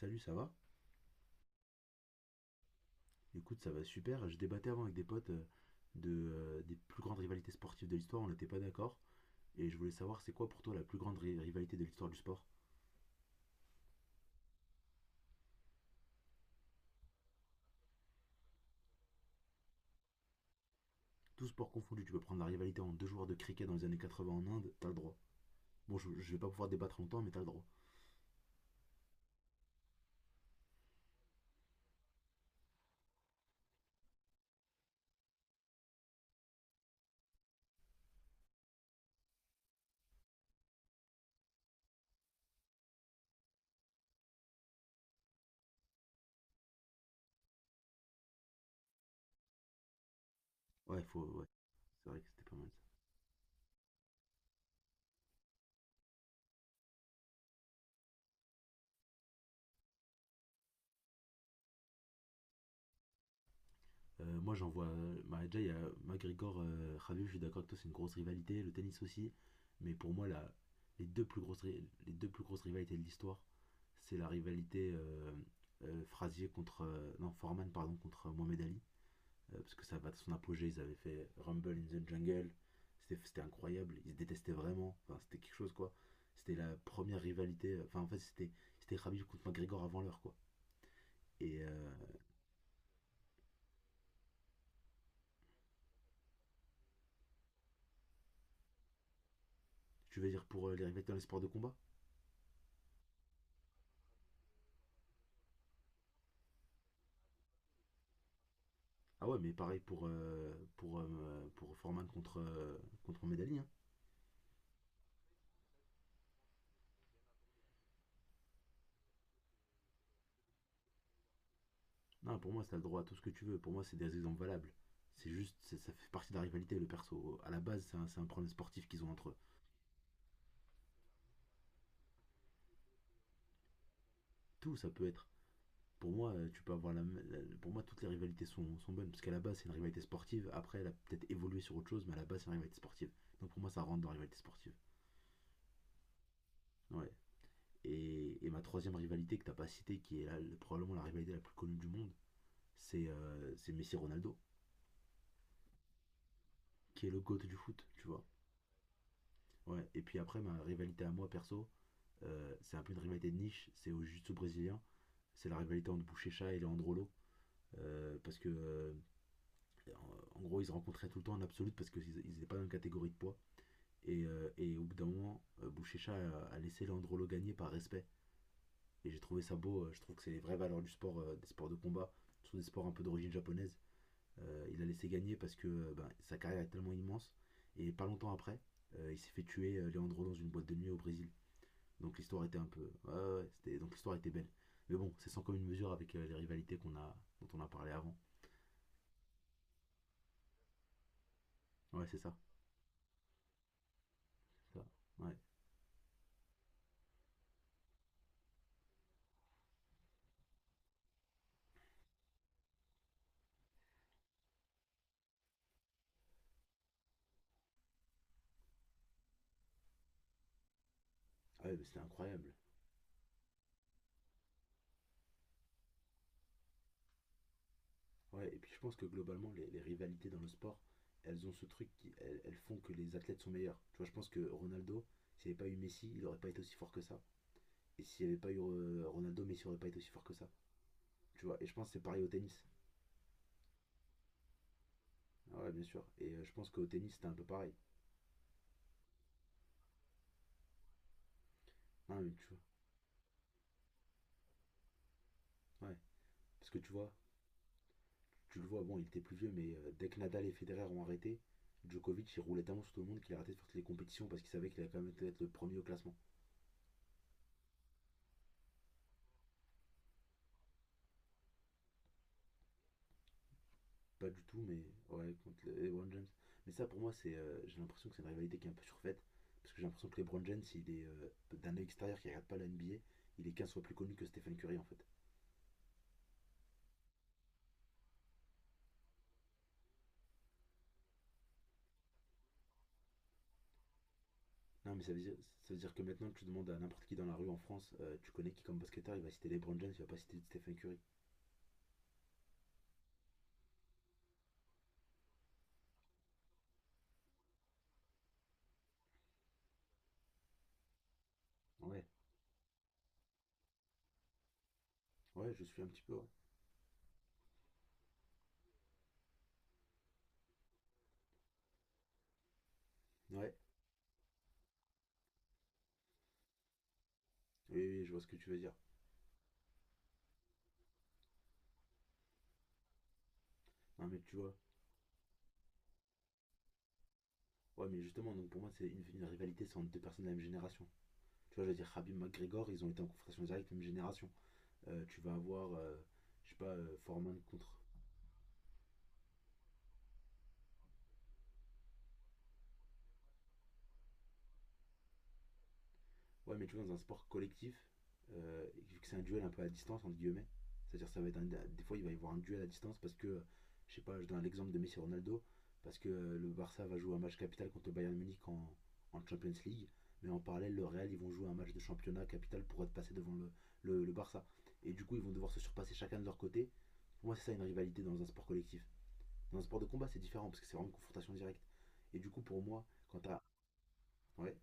Salut, ça va? Écoute, ça va super. Je débattais avant avec des potes des plus grandes rivalités sportives de l'histoire. On n'était pas d'accord. Et je voulais savoir, c'est quoi pour toi la plus grande rivalité de l'histoire du sport? Tout sport confondu, tu peux prendre la rivalité en deux joueurs de cricket dans les années 80 en Inde, t'as le droit. Bon, je vais pas pouvoir débattre longtemps, mais t'as le droit. Ouais, faut, ouais. C'est vrai que c'était pas mal. Moi, j'en vois. Bah, déjà, il y a McGregor, Khabib, je suis d'accord avec toi, c'est une grosse rivalité. Le tennis aussi. Mais pour moi, la, les, deux plus grosses, ri- les deux plus grosses rivalités de l'histoire, c'est la rivalité Frazier contre, non, Foreman, pardon, contre Mohamed Ali. Parce que ça battait son apogée. Ils avaient fait Rumble in the Jungle. C'était incroyable. Ils se détestaient vraiment. Enfin, c'était quelque chose, quoi. C'était la première rivalité. Enfin, en fait, c'était Khabib contre McGregor avant l'heure, quoi. Et tu veux dire pour les rivalités dans les sports de combat. Ah ouais, mais pareil pour, pour Foreman contre Medali, hein. Non, pour moi, t'as le droit à tout ce que tu veux. Pour moi, c'est des exemples valables. C'est juste, ça fait partie de la rivalité, le perso. À la base, c'est un problème sportif qu'ils ont entre eux. Tout, ça peut être. Pour moi, tu peux avoir la, m- la- Pour moi, toutes les rivalités sont bonnes. Parce qu'à la base, c'est une rivalité sportive. Après, elle a peut-être évolué sur autre chose, mais à la base, c'est une rivalité sportive. Donc pour moi, ça rentre dans la rivalité sportive. Ouais. Et, ma troisième rivalité que t'as pas citée, qui est probablement la rivalité la plus connue du monde, c'est c'est Messi-Ronaldo, qui est le GOAT du foot, tu vois. Ouais. Et puis après, ma rivalité à moi perso, c'est un peu une rivalité de niche, c'est au jiu-jitsu brésilien. C'est la rivalité entre Bouchécha et Leandrolo. Euh, parce que, euh, en gros, ils se rencontraient tout le temps en absolute parce qu'ils n'étaient pas dans la catégorie de poids. Et au bout d'un moment, Bouchécha a laissé Leandrolo gagner par respect. Et j'ai trouvé ça beau. Je trouve que c'est les vraies valeurs du sport, des sports de combat, surtout des sports un peu d'origine japonaise. Il a laissé gagner parce que ben, sa carrière est tellement immense. Et pas longtemps après, il s'est fait tuer Leandro dans une boîte de nuit au Brésil. Donc l'histoire était un peu. Ouais, ouais, Donc l'histoire était belle. Mais bon, c'est sans commune mesure avec les rivalités dont on a parlé avant. Ouais, c'est ça. Ouais. Ouais, mais c'était incroyable. Ouais, et puis je pense que globalement, les rivalités dans le sport, elles ont ce truc qui. Elles font que les athlètes sont meilleurs. Tu vois, je pense que Ronaldo, s'il n'y avait pas eu Messi, il n'aurait pas été aussi fort que ça. Et s'il n'y avait pas eu Ronaldo, Messi n'aurait pas été aussi fort que ça. Tu vois, et je pense que c'est pareil au tennis. Ah ouais, bien sûr. Et je pense qu'au tennis, c'était un peu pareil. Hein, mais tu vois. Ouais. Parce que tu vois, tu le vois, bon, il était plus vieux, mais dès que Nadal et Federer ont arrêté, Djokovic, il roulait tellement sur tout le monde qu'il a arrêté de faire toutes les compétitions parce qu'il savait qu'il allait quand même être le premier au classement. Pas du tout, mais ouais, contre LeBron James. Mais ça, pour moi, j'ai l'impression que c'est une rivalité qui est un peu surfaite. Parce que j'ai l'impression que LeBron James, il est d'un œil extérieur qui regarde pas la NBA, il est 15 fois plus connu que Stephen Curry en fait. Non, mais ça veut dire que maintenant tu demandes à n'importe qui dans la rue en France, tu connais qui comme basketteur, il va citer LeBron James, il va pas citer Stephen Curry. Ouais, ouais, je suis un petit peu. Ouais. Ouais. Oui, oui, je vois ce que tu veux dire. Non, mais tu vois. Ouais, mais justement, donc pour moi, c'est une rivalité, c'est entre deux personnes de la même génération. Tu vois, je veux dire, Khabib McGregor, ils ont été en confrontation directe, même génération. Tu vas avoir, je sais pas, Foreman contre. Ouais, mais tu vois, dans un sport collectif, euh, vu que c'est un duel un peu à distance, entre guillemets, c'est-à-dire ça va être des fois il va y avoir un duel à distance parce que, je sais pas, je donne l'exemple de Messi et Ronaldo, parce que le Barça va jouer un match capital contre le Bayern Munich en Champions League, mais en parallèle le Real ils vont jouer un match de championnat capital pour être passé devant le Barça. Et du coup ils vont devoir se surpasser chacun de leur côté. Pour moi c'est ça une rivalité dans un sport collectif. Dans un sport de combat c'est différent parce que c'est vraiment une confrontation directe. Et du coup pour moi, quand t'as. Ouais.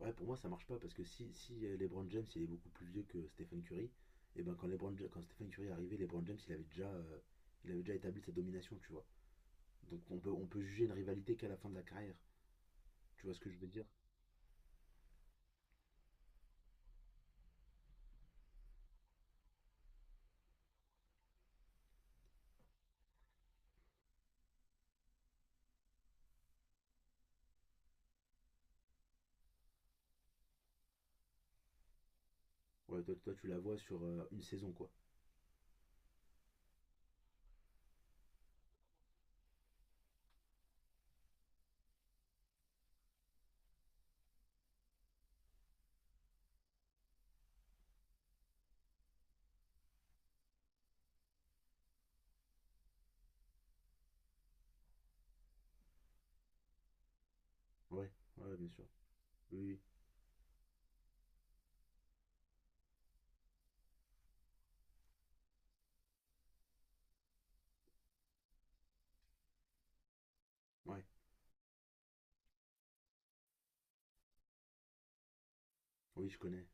Ouais, pour moi, ça marche pas parce que si LeBron James il est beaucoup plus vieux que Stephen Curry, et ben quand quand Stephen Curry est arrivé, LeBron James il avait déjà établi sa domination, tu vois. Donc on peut juger une rivalité qu'à la fin de la carrière. Tu vois ce que je veux dire? Ouais, toi, tu la vois sur une saison, quoi. Ouais, ouais, bien sûr. Oui, oui, ouais, oui, je connais.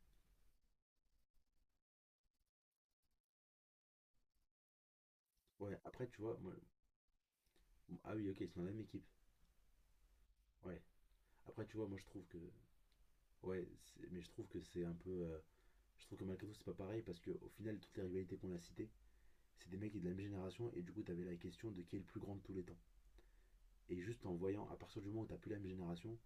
Ouais, après, tu vois, moi, ah oui, ok, ils sont dans la même équipe. Ouais. Après, tu vois, moi, je trouve que, ouais, mais je trouve que malgré tout, c'est pas pareil parce que au final, toutes les rivalités qu'on a citées, c'est des mecs qui sont de la même génération, et du coup, t'avais la question de qui est le plus grand de tous les temps. Et juste en voyant, à partir du moment où t'as plus la même génération,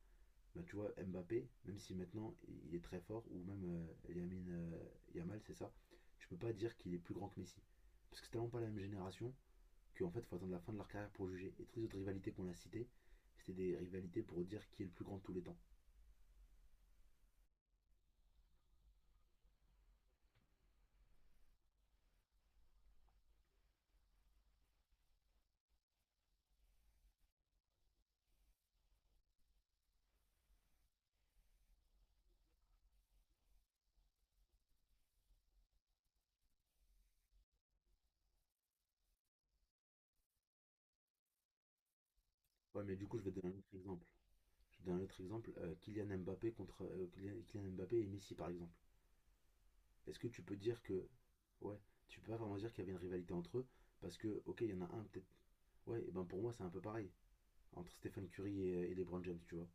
bah, tu vois, Mbappé, même si maintenant il est très fort, ou même Yamin Yamal, c'est ça, tu peux pas dire qu'il est plus grand que Messi. Parce que c'est tellement pas la même génération qu'en fait, faut attendre la fin de leur carrière pour juger. Et toutes les autres rivalités qu'on a citées, c'était des rivalités pour dire qui est le plus grand de tous les temps. Ouais, mais du coup, je vais te donner un autre exemple. Je vais te donner un autre exemple, Kylian Mbappé et Messi, par exemple. Est-ce que tu peux dire que. Ouais, tu peux pas vraiment dire qu'il y avait une rivalité entre eux, parce que, ok, il y en a un peut-être. Ouais, et ben pour moi, c'est un peu pareil, entre Stephen Curry et LeBron James, tu vois.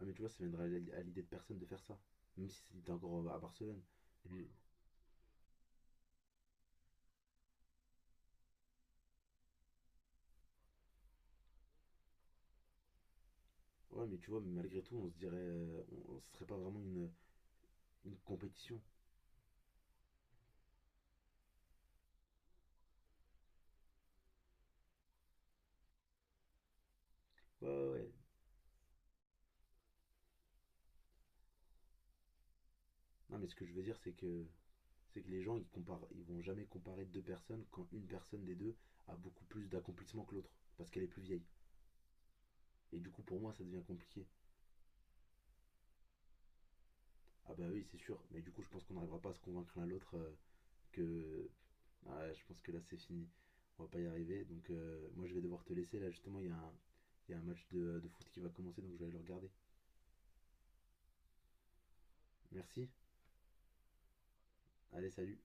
Ah, mais tu vois, ça viendrait à l'idée de personne de faire ça, même si c'était encore à Barcelone. Mm. Ouais, mais tu vois, malgré tout, on se dirait. On- Ce serait pas vraiment une compétition. Ouais, ouais, ouais. Non, mais ce que je veux dire, c'est que. C'est que les gens, ils, comparent, ils vont jamais comparer deux personnes quand une personne des deux a beaucoup plus d'accomplissement que l'autre, parce qu'elle est plus vieille. Et du coup, pour moi, ça devient compliqué. Ah bah oui, c'est sûr. Mais du coup, je pense qu'on n'arrivera pas à se convaincre l'un l'autre que... Ah, ouais, je pense que là, c'est fini. On va pas y arriver. Donc moi, je vais devoir te laisser. Là, justement, il y a un match de foot qui va commencer, donc je vais aller le regarder. Merci. Allez, salut.